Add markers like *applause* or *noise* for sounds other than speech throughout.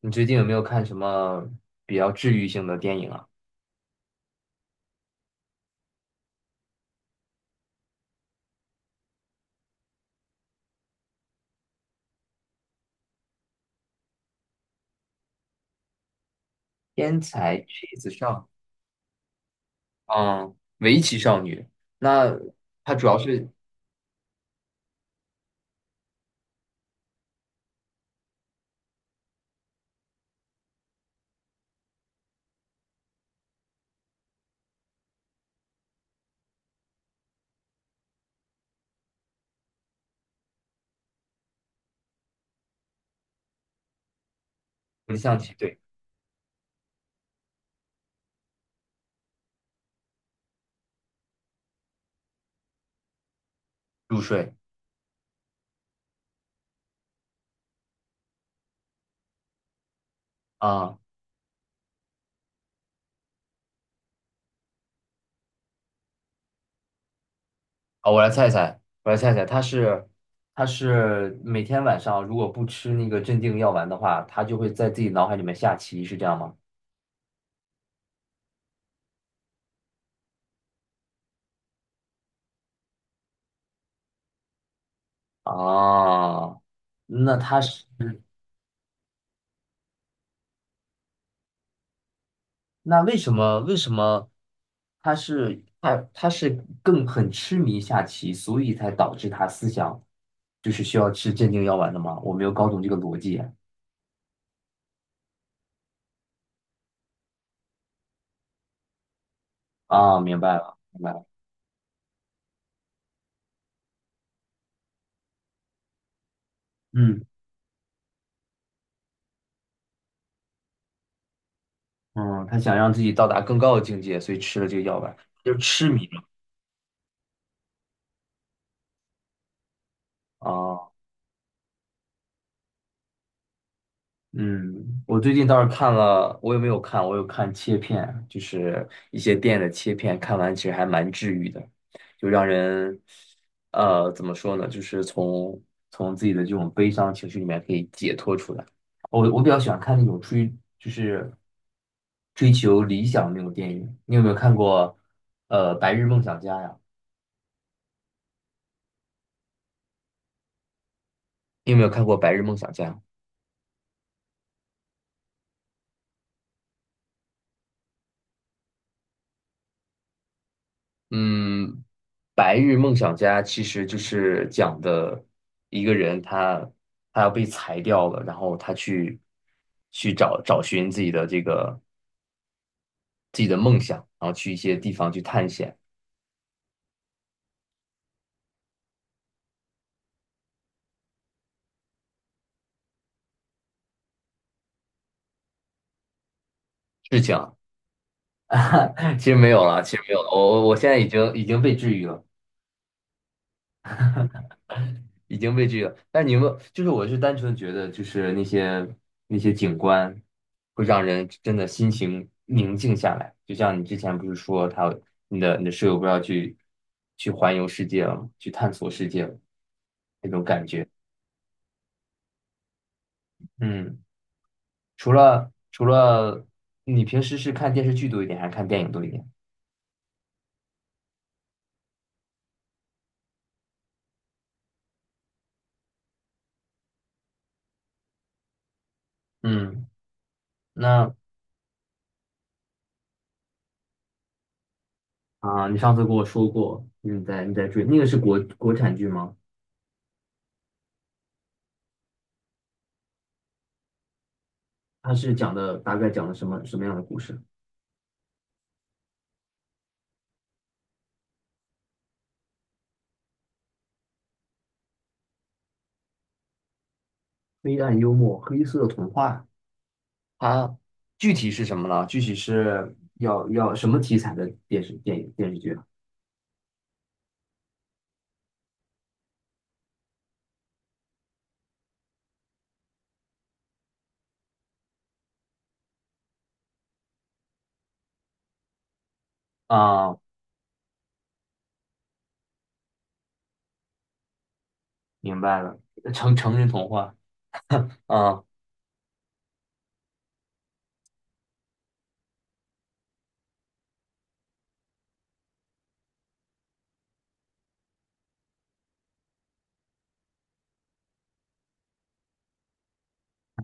你最近有没有看什么比较治愈性的电影啊？天才 c 子 e e s 少，嗯，围棋少女。那它主要是不象棋？对。入睡。啊，好，我来猜一猜，它是每天晚上如果不吃那个镇定药丸的话，它就会在自己脑海里面下棋，是这样吗？啊，那它是。那为什么他是更很痴迷下棋，所以才导致他思想就是需要吃镇定药丸的吗？我没有搞懂这个逻辑。啊，明白了，明白了，嗯嗯，他想让自己到达更高的境界，所以吃了这个药丸，就是痴迷嘛。啊。嗯，我最近倒是看了，我有没有看？我有看切片，就是一些电影的切片，看完其实还蛮治愈的，就让人，怎么说呢？就是从自己的这种悲伤情绪里面可以解脱出来。我比较喜欢看那种追，就是追求理想的那种电影。你有没有看过，《白日梦想家》呀？你有没有看过《白日梦想家》？嗯，《白日梦想家》其实就是讲的一个人他，要被裁掉了，然后他去找寻自己的梦想，然后去一些地方去探险。是讲，*laughs* 其实没有了，其实没有了，我现在已经被治愈了。已经被这个，但你们就是，我是单纯觉得，就是那些景观会让人真的心情宁静下来。就像你之前不是说你的室友不是要去环游世界了吗，去探索世界了那种感觉。嗯，除了你平时是看电视剧多一点，还是看电影多一点？嗯，那啊、你上次跟我说过你在追那个是国产剧吗？它是讲的大概讲的什么什么样的故事？黑暗幽默，黑色童话，它具体是什么呢？具体是要什么题材的电视电影电视剧啊？啊，明白了，成人童话啊，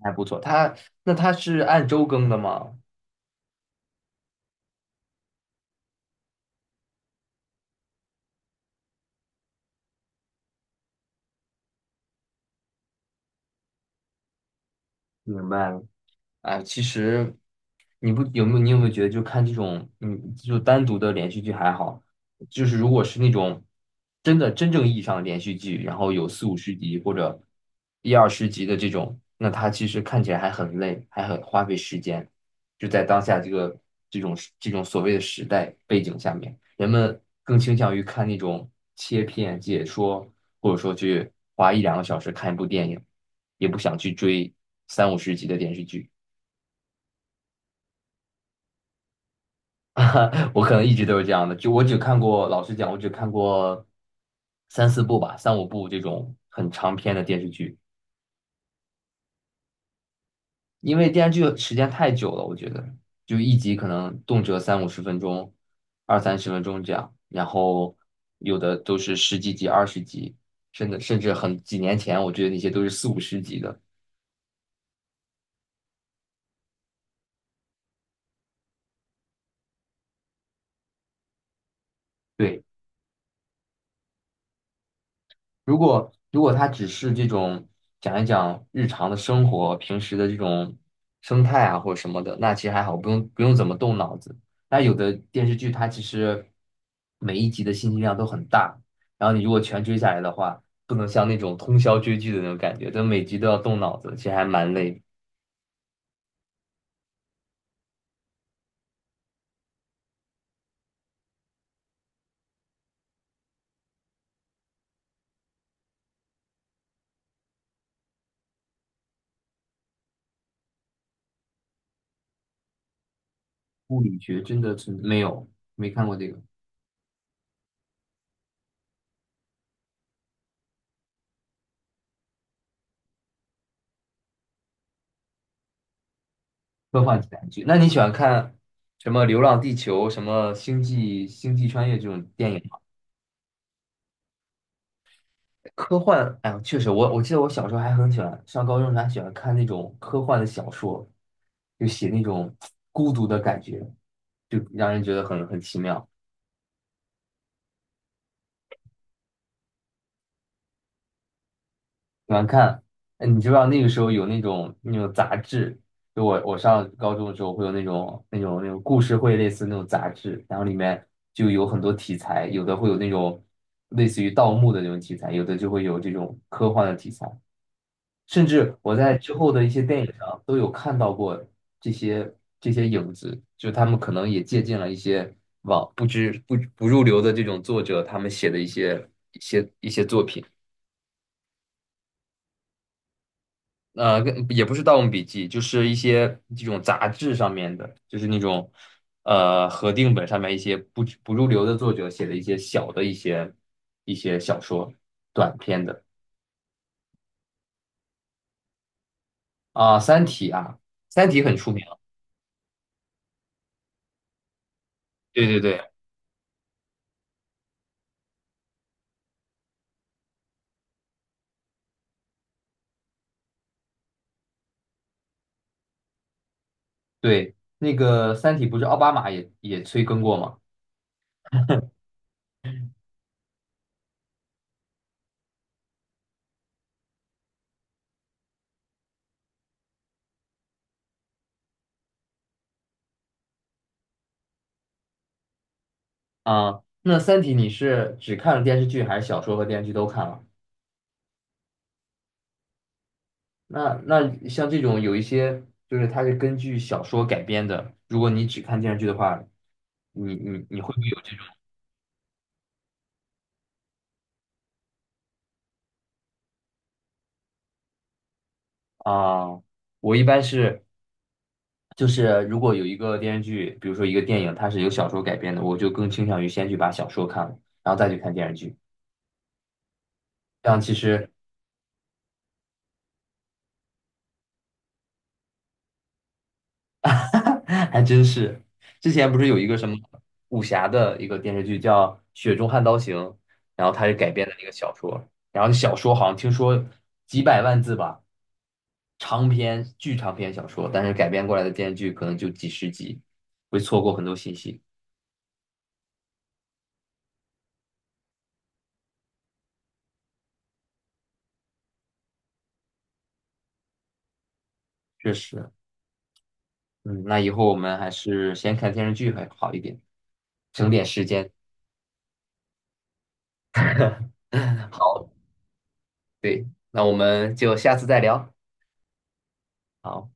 还不错。那它是按周更的吗？明白了。哎，其实你有没有觉得，就看这种就单独的连续剧还好，就是如果是那种真正意义上的连续剧，然后有四五十集或者一二十集的这种，那它其实看起来还很累，还很花费时间。就在当下这个这种时这种所谓的时代背景下面，人们更倾向于看那种切片解说，或者说去花一两个小时看一部电影，也不想去追三五十集的电视剧。*laughs* 我可能一直都是这样的，就我只看过，老实讲，我只看过三四部吧，三五部这种很长篇的电视剧，因为电视剧时间太久了，我觉得就一集可能动辄三五十分钟，二三十分钟这样，然后有的都是十几集、二十集，甚至很几年前，我觉得那些都是四五十集的。对。如果他只是这种讲一讲日常的生活、平时的这种生态啊或者什么的，那其实还好，不用怎么动脑子。那有的电视剧它其实每一集的信息量都很大，然后你如果全追下来的话，不能像那种通宵追剧的那种感觉，但每集都要动脑子，其实还蛮累。物理学真的存。没有，没看过这个。科幻题材剧，那你喜欢看什么《流浪地球》、什么《星际穿越》这种电影？科幻，哎呀，确实，我记得我小时候还很喜欢，上高中时候还喜欢看那种科幻的小说，就写那种孤独的感觉，就让人觉得很奇妙。喜欢看，哎，你知不知道那个时候有那种杂志？就我上高中的时候会有那种故事会类似那种杂志，然后里面就有很多题材，有的会有那种类似于盗墓的那种题材，有的就会有这种科幻的题材。甚至我在之后的一些电影上都有看到过这些这些影子，就他们可能也借鉴了一些网不知不入流的这种作者他们写的一些作品，跟也不是《盗墓笔记》，就是一些这种杂志上面的，就是那种合订本上面一些不入流的作者写的一些小的一些小说短篇的。啊，三体》啊，《三体》很出名，对对对。对，那个《三体》不是奥巴马也催更过吗？啊，那《三体》你是只看了电视剧，还是小说和电视剧都看了？那像这种有一些就是它是根据小说改编的，如果你只看电视剧的话，你会不会有这种啊？我一般是就是如果有一个电视剧，比如说一个电影，它是由小说改编的，我就更倾向于先去把小说看了，然后再去看电视剧。这样其实 *laughs* 还真是。之前不是有一个什么武侠的一个电视剧叫《雪中悍刀行》，然后它是改编的那个小说，然后小说好像听说几百万字吧，长篇巨长篇小说，但是改编过来的电视剧可能就几十集，会错过很多信息。确实，嗯，那以后我们还是先看电视剧还好一点，省点时间。*laughs* 好，对，那我们就下次再聊。好。